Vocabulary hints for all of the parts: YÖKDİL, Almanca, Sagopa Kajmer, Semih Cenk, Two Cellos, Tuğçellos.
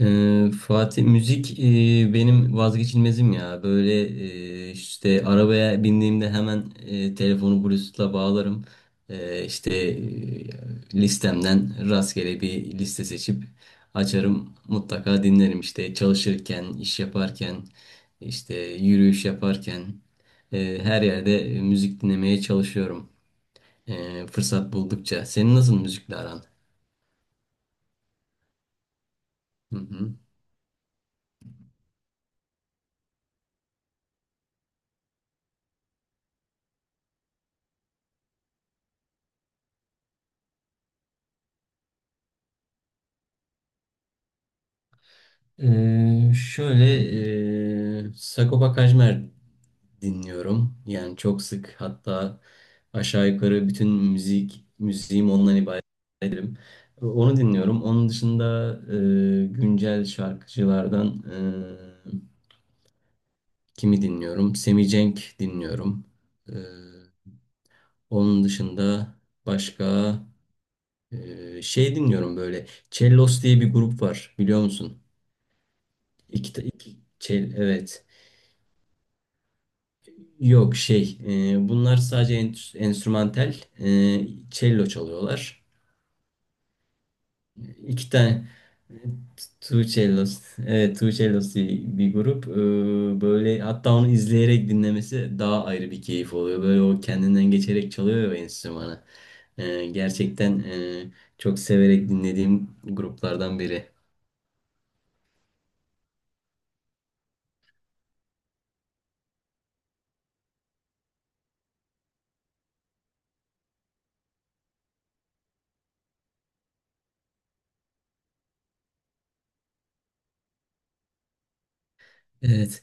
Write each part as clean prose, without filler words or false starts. Fatih müzik benim vazgeçilmezim ya. Böyle işte arabaya bindiğimde hemen telefonu Bluetooth'la bağlarım. Listemden rastgele bir liste seçip açarım. Mutlaka dinlerim işte çalışırken, iş yaparken, işte yürüyüş yaparken. Her yerde müzik dinlemeye çalışıyorum. Fırsat buldukça. Senin nasıl müzikle aran? Hı hı. Şöyle Sagopa Kajmer dinliyorum. Yani çok sık hatta aşağı yukarı bütün müziğim ondan ibaret ederim. Onu dinliyorum. Onun dışında güncel şarkıcılardan kimi dinliyorum? Semih Cenk dinliyorum. Ee, Onun dışında başka şey dinliyorum böyle. Cellos diye bir grup var biliyor musun? Evet. Yok şey, bunlar sadece enstrümantal. Cello çalıyorlar. İki tane e, Two Cellos. Evet, Two Cellos diye bir grup. Böyle hatta onu izleyerek dinlemesi daha ayrı bir keyif oluyor. Böyle o kendinden geçerek çalıyor ya enstrümanı. E, gerçekten çok severek dinlediğim gruplardan biri. Evet.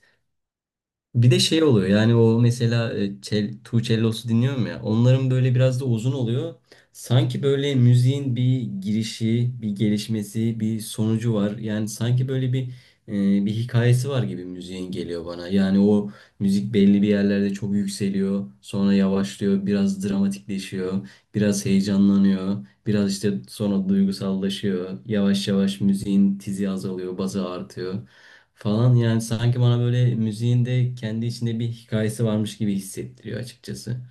Bir de şey oluyor yani o mesela Tuğçellos'u dinliyorum ya onların böyle biraz da uzun oluyor. Sanki böyle müziğin bir girişi, bir gelişmesi, bir sonucu var. Yani sanki böyle bir hikayesi var gibi müziğin geliyor bana. Yani o müzik belli bir yerlerde çok yükseliyor, sonra yavaşlıyor, biraz dramatikleşiyor, biraz heyecanlanıyor. Biraz işte sonra duygusallaşıyor. Yavaş yavaş müziğin tizi azalıyor, bazı artıyor falan. Yani sanki bana böyle müziğin de kendi içinde bir hikayesi varmış gibi hissettiriyor açıkçası.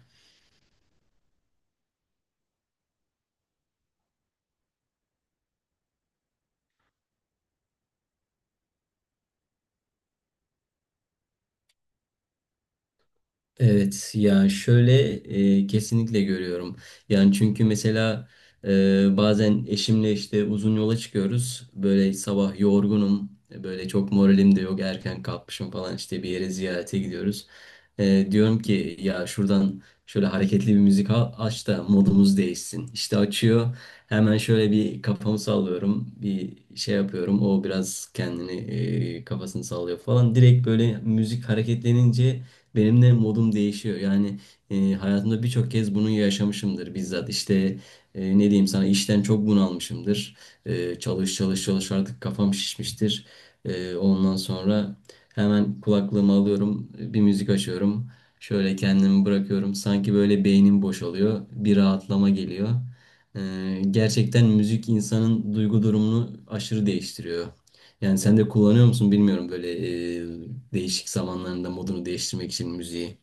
Evet ya şöyle kesinlikle görüyorum. Yani çünkü mesela bazen eşimle işte uzun yola çıkıyoruz. Böyle sabah yorgunum. Böyle çok moralim de yok. Erken kalkmışım falan işte bir yere ziyarete gidiyoruz. Diyorum ki ya şuradan şöyle hareketli bir müzik aç da modumuz değişsin. İşte açıyor. Hemen şöyle bir kafamı sallıyorum. Bir şey yapıyorum. O biraz kendini kafasını sallıyor falan. Direkt böyle müzik hareketlenince benim de modum değişiyor. Yani hayatımda birçok kez bunu yaşamışımdır bizzat. İşte ne diyeyim sana işten çok bunalmışımdır. Çalış çalış çalış artık kafam şişmiştir. Ondan sonra hemen kulaklığımı alıyorum, bir müzik açıyorum. Şöyle kendimi bırakıyorum. Sanki böyle beynim boşalıyor. Bir rahatlama geliyor. Gerçekten müzik insanın duygu durumunu aşırı değiştiriyor. Yani sen de kullanıyor musun bilmiyorum böyle değişik zamanlarında modunu değiştirmek için müziği.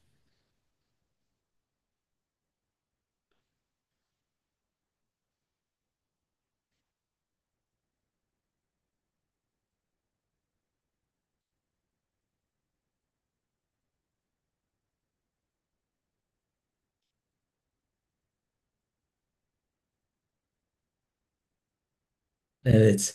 Evet,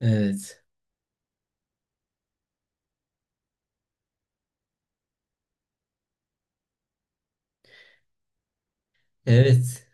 evet, evet.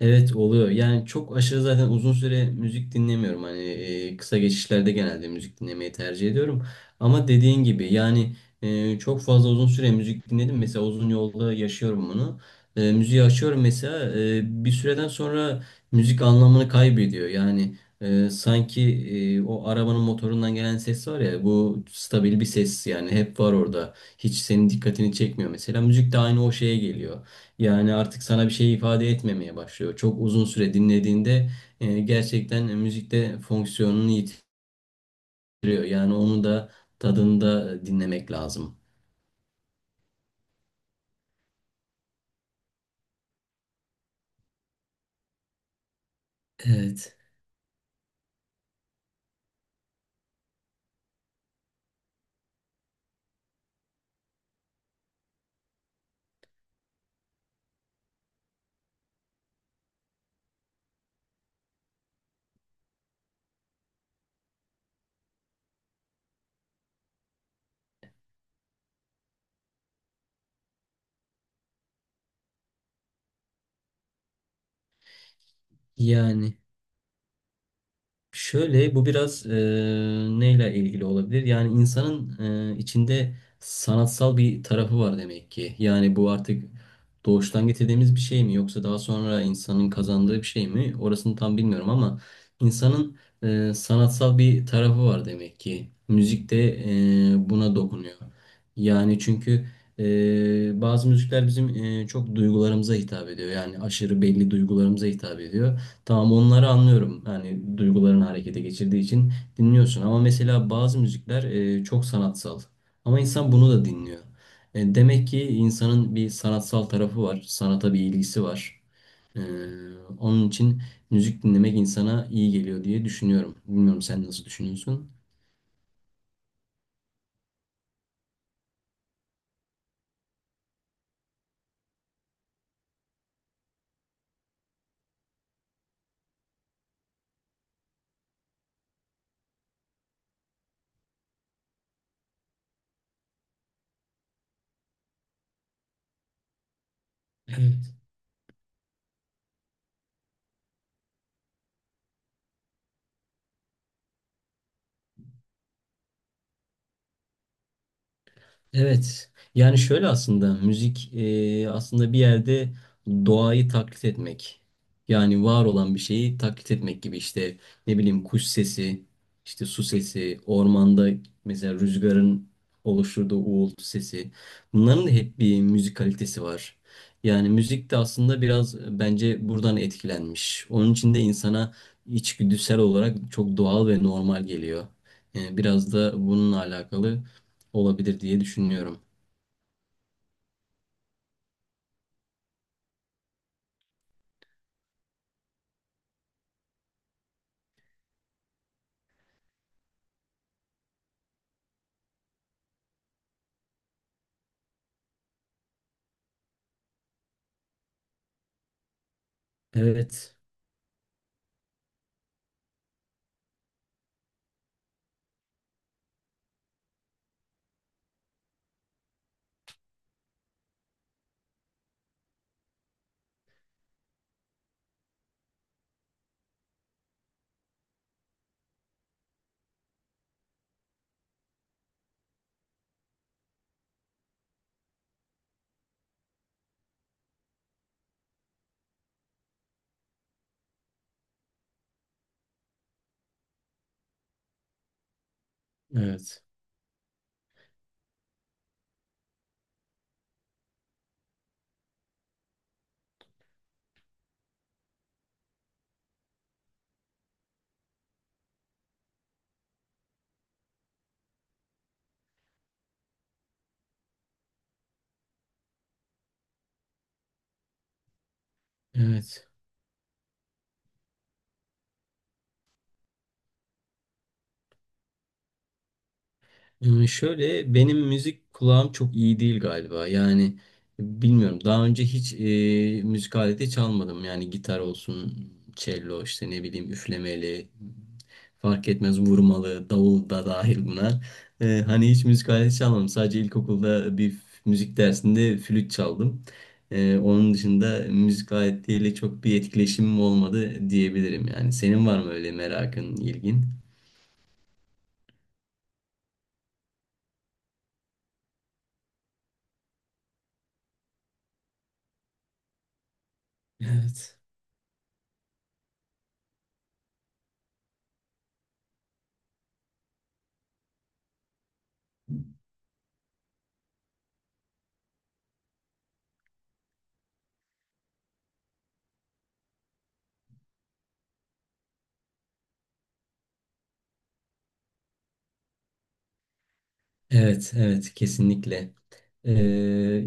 Evet oluyor. Yani çok aşırı zaten uzun süre müzik dinlemiyorum. Hani kısa geçişlerde genelde müzik dinlemeyi tercih ediyorum. Ama dediğin gibi yani çok fazla uzun süre müzik dinledim. Mesela uzun yolda yaşıyorum bunu. Müziği açıyorum mesela bir süreden sonra müzik anlamını kaybediyor. Yani sanki o arabanın motorundan gelen ses var ya bu stabil bir ses yani hep var orada. Hiç senin dikkatini çekmiyor mesela. Müzik de aynı o şeye geliyor. Yani artık sana bir şey ifade etmemeye başlıyor. Çok uzun süre dinlediğinde gerçekten müzikte fonksiyonunu yitiriyor. Yani onu da tadında dinlemek lazım. Evet. Yani. Şöyle bu biraz neyle ilgili olabilir? Yani insanın içinde sanatsal bir tarafı var demek ki. Yani bu artık doğuştan getirdiğimiz bir şey mi yoksa daha sonra insanın kazandığı bir şey mi? Orasını tam bilmiyorum ama insanın sanatsal bir tarafı var demek ki. Müzik de buna dokunuyor. Yani çünkü bazı müzikler bizim çok duygularımıza hitap ediyor. Yani aşırı belli duygularımıza hitap ediyor. Tamam onları anlıyorum. Yani duygularını harekete geçirdiği için dinliyorsun. Ama mesela bazı müzikler çok sanatsal. Ama insan bunu da dinliyor. Demek ki insanın bir sanatsal tarafı var. Sanata bir ilgisi var. E, Onun için müzik dinlemek insana iyi geliyor diye düşünüyorum. Bilmiyorum sen nasıl düşünüyorsun? Evet. Yani şöyle aslında müzik aslında bir yerde doğayı taklit etmek. Yani var olan bir şeyi taklit etmek gibi işte ne bileyim kuş sesi, işte su sesi, ormanda mesela rüzgarın oluşturduğu uğultu sesi. Bunların da hep bir müzik kalitesi var. Yani müzik de aslında biraz bence buradan etkilenmiş. Onun için de insana içgüdüsel olarak çok doğal ve normal geliyor. Yani biraz da bununla alakalı olabilir diye düşünüyorum. Evet, evet, evet. Hmm, şöyle benim müzik kulağım çok iyi değil galiba. Yani bilmiyorum. Daha önce hiç müzik aleti çalmadım. Yani gitar olsun, cello işte ne bileyim üflemeli, fark etmez vurmalı, davul da dahil buna. Hani hiç müzik aleti çalmadım. Sadece ilkokulda bir müzik dersinde flüt çaldım. Onun dışında müzik aletiyle çok bir etkileşimim olmadı diyebilirim yani. Senin var mı öyle merakın, ilgin? Evet. Evet, evet, kesinlikle. Ee,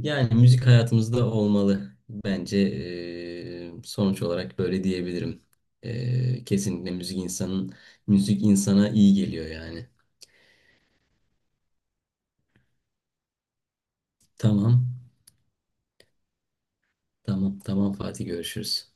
Yani müzik hayatımızda olmalı. Bence sonuç olarak böyle diyebilirim. Kesinlikle müzik insanın, müzik insana iyi geliyor yani. Tamam, tamam, tamam Fatih görüşürüz.